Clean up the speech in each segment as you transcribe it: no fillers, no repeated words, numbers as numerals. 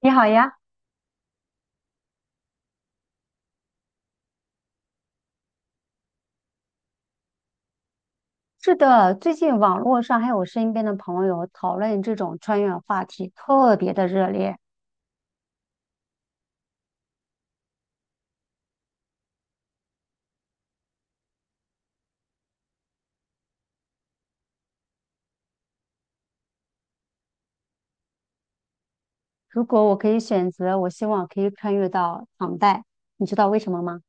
你好呀，是的，最近网络上还有身边的朋友讨论这种穿越话题，特别的热烈。如果我可以选择，我希望可以穿越到唐代，你知道为什么吗？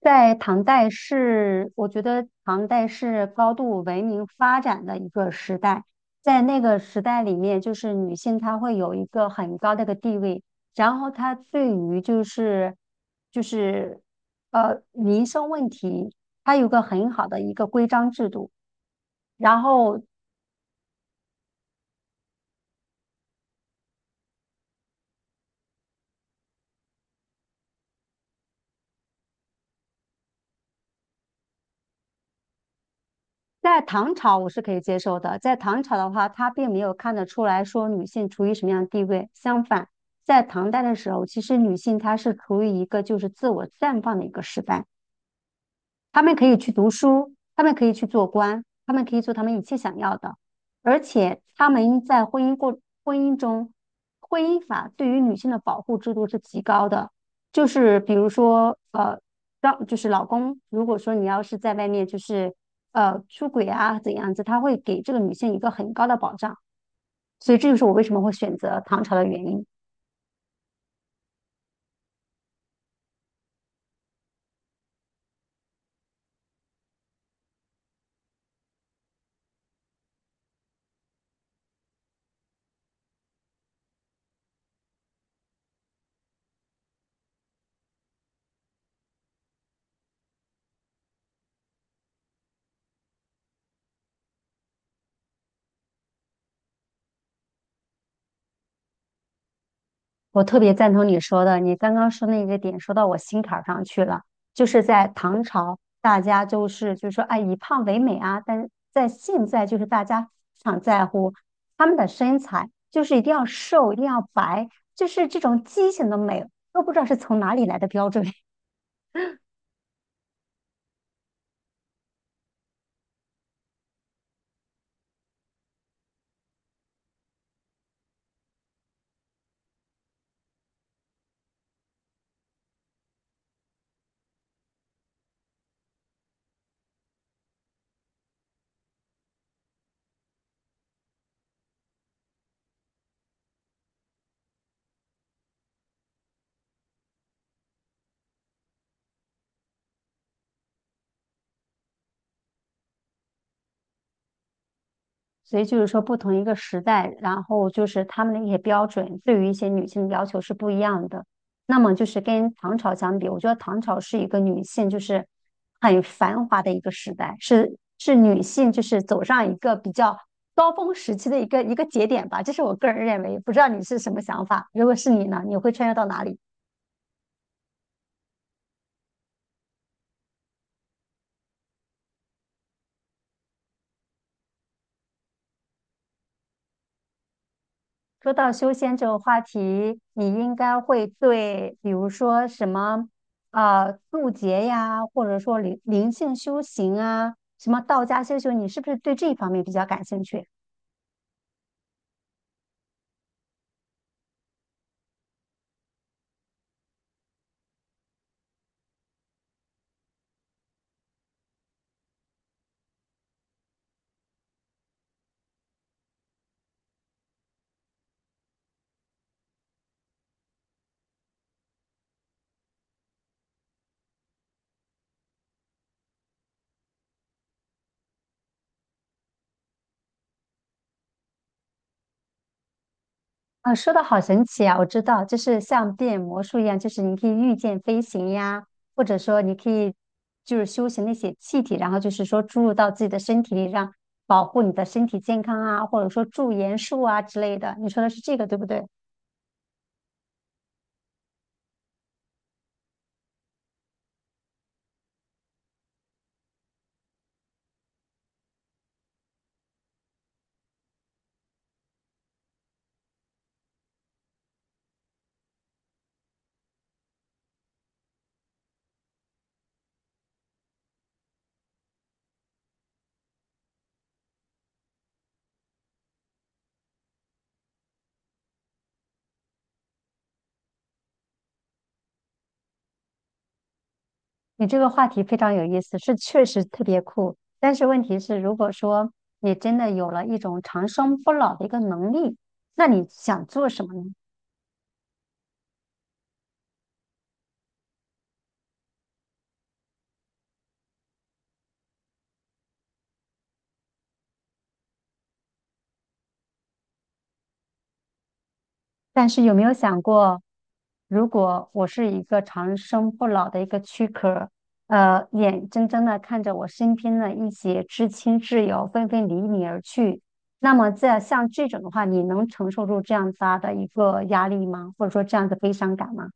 在唐代是，我觉得唐代是高度文明发展的一个时代，在那个时代里面，就是女性她会有一个很高的一个地位，然后她对于就是民生问题，她有个很好的一个规章制度，然后在唐朝我是可以接受的，在唐朝的话，他并没有看得出来说女性处于什么样的地位。相反，在唐代的时候，其实女性她是处于一个就是自我绽放的一个时代。他们可以去读书，他们可以去做官，他们可以做他们一切想要的，而且他们在婚姻中，婚姻法对于女性的保护制度是极高的，就是比如说让就是老公，如果说你要是在外面就是出轨啊怎样子，他会给这个女性一个很高的保障，所以这就是我为什么会选择唐朝的原因。我特别赞同你说的，你刚刚说那个点说到我心坎儿上去了，就是在唐朝，大家就是说，哎，以胖为美啊，但是在现在就是大家非常在乎他们的身材，就是一定要瘦，一定要白，就是这种畸形的美，都不知道是从哪里来的标准。所以就是说，不同一个时代，然后就是他们的一些标准，对于一些女性的要求是不一样的。那么就是跟唐朝相比，我觉得唐朝是一个女性就是很繁华的一个时代，是女性就是走上一个比较高峰时期的一个节点吧。这是我个人认为，不知道你是什么想法？如果是你呢，你会穿越到哪里？说到修仙这个话题，你应该会对，比如说什么，渡劫呀，或者说灵性修行啊，什么道家修行，你是不是对这一方面比较感兴趣？啊、说的好神奇啊！我知道，就是像变魔术一样，就是你可以御剑飞行呀，或者说你可以就是修行那些气体，然后就是说注入到自己的身体里，让保护你的身体健康啊，或者说驻颜术啊之类的。你说的是这个，对不对？你这个话题非常有意思，是确实特别酷。但是问题是，如果说你真的有了一种长生不老的一个能力，那你想做什么呢？但是有没有想过，如果我是一个长生不老的一个躯壳，眼睁睁的看着我身边的一些至亲挚友纷纷离你而去，那么在像这种的话，你能承受住这样子大的一个压力吗？或者说这样的悲伤感吗？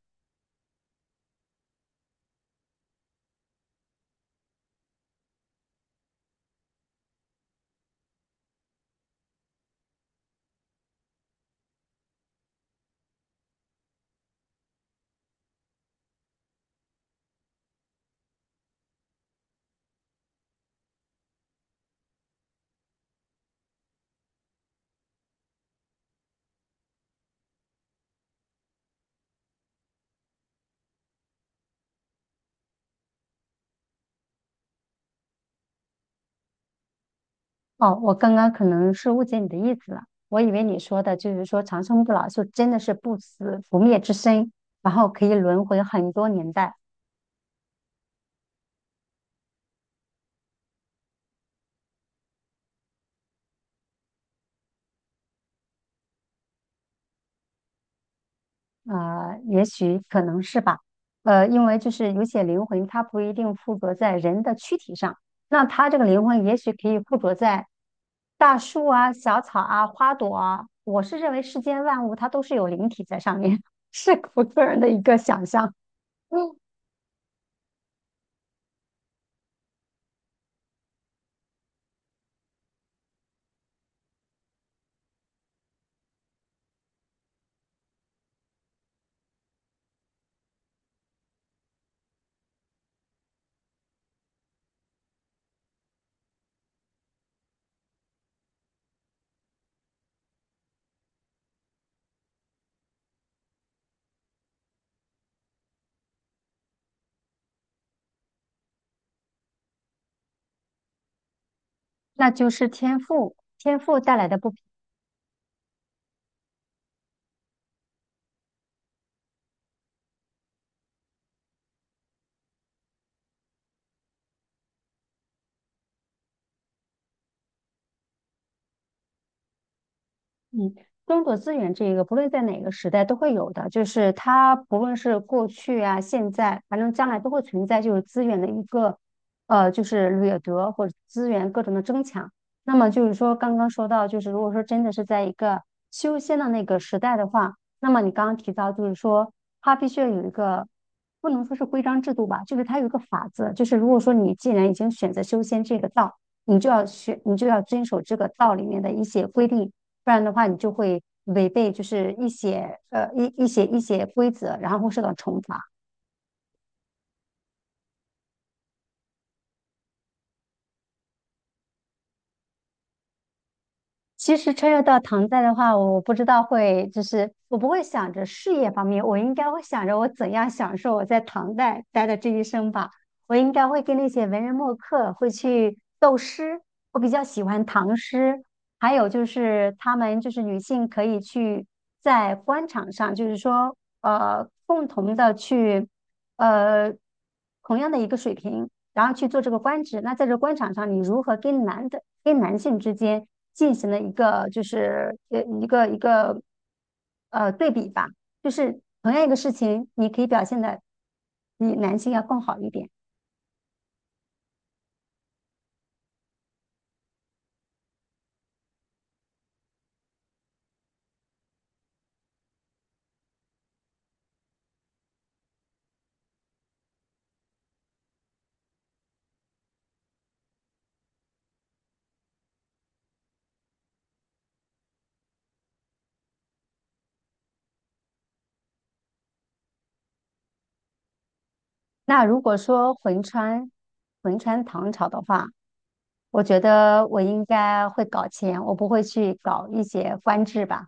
哦，我刚刚可能是误解你的意思了，我以为你说的就是说长生不老，就真的是不死不灭之身，然后可以轮回很多年代，也许可能是吧，因为就是有些灵魂它不一定附着在人的躯体上，那它这个灵魂也许可以附着在大树啊、小草啊、花朵啊，我是认为世间万物它都是有灵体在上面，是我个人的一个想象，嗯，那就是天赋，天赋带来的不平嗯，争夺资源这个，不论在哪个时代都会有的，就是它不论是过去啊、现在，反正将来都会存在，就是资源的一个就是掠夺或者资源各种的争抢。那么就是说，刚刚说到，就是如果说真的是在一个修仙的那个时代的话，那么你刚刚提到，就是说它必须要有一个不能说是规章制度吧，就是它有一个法则，就是如果说你既然已经选择修仙这个道，你就要学，你就要遵守这个道里面的一些规定。不然的话你就会违背就是一些规则，然后会受到惩罚。其实穿越到唐代的话，我不知道会，就是我不会想着事业方面，我应该会想着我怎样享受我在唐代待的这一生吧。我应该会跟那些文人墨客会去斗诗，我比较喜欢唐诗，还有就是他们就是女性可以去在官场上，就是说共同的去呃同样的一个水平，然后去做这个官职。那在这官场上，你如何跟男的？跟男性之间进行了一个就是呃一个一个呃对比吧，就是同样一个事情，你可以表现的比男性要更好一点。那如果说魂穿唐朝的话，我觉得我应该会搞钱，我不会去搞一些官制吧。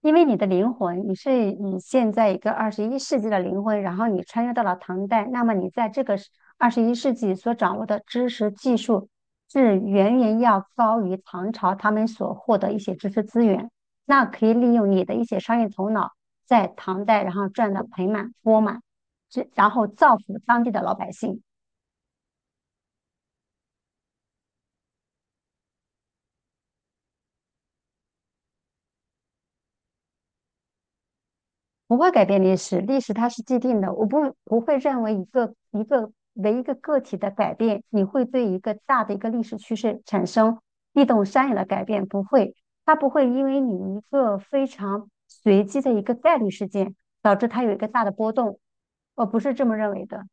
因为你的灵魂，你是你现在一个二十一世纪的灵魂，然后你穿越到了唐代，那么你在这个二十一世纪所掌握的知识技术，是远远要高于唐朝他们所获得一些知识资源。那可以利用你的一些商业头脑，在唐代然后赚得盆满钵满，这然后造福当地的老百姓。不会改变历史，历史它是既定的。我不会认为一个一个为一个个体的改变，你会对一个大的一个历史趋势产生地动山摇的改变，不会。它不会因为你一个非常随机的一个概率事件，导致它有一个大的波动。我不是这么认为的。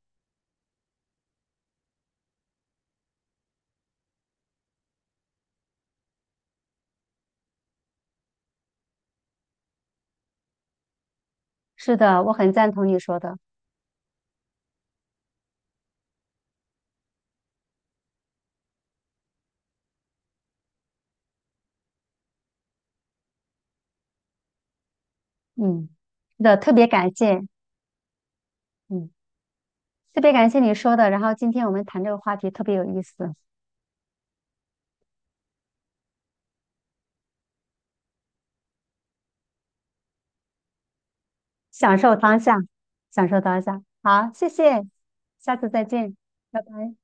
是的，我很赞同你说的。嗯，是的，特别感谢，嗯，特别感谢你说的。然后今天我们谈这个话题特别有意思。享受当下，享受当下。好，谢谢，下次再见，拜拜。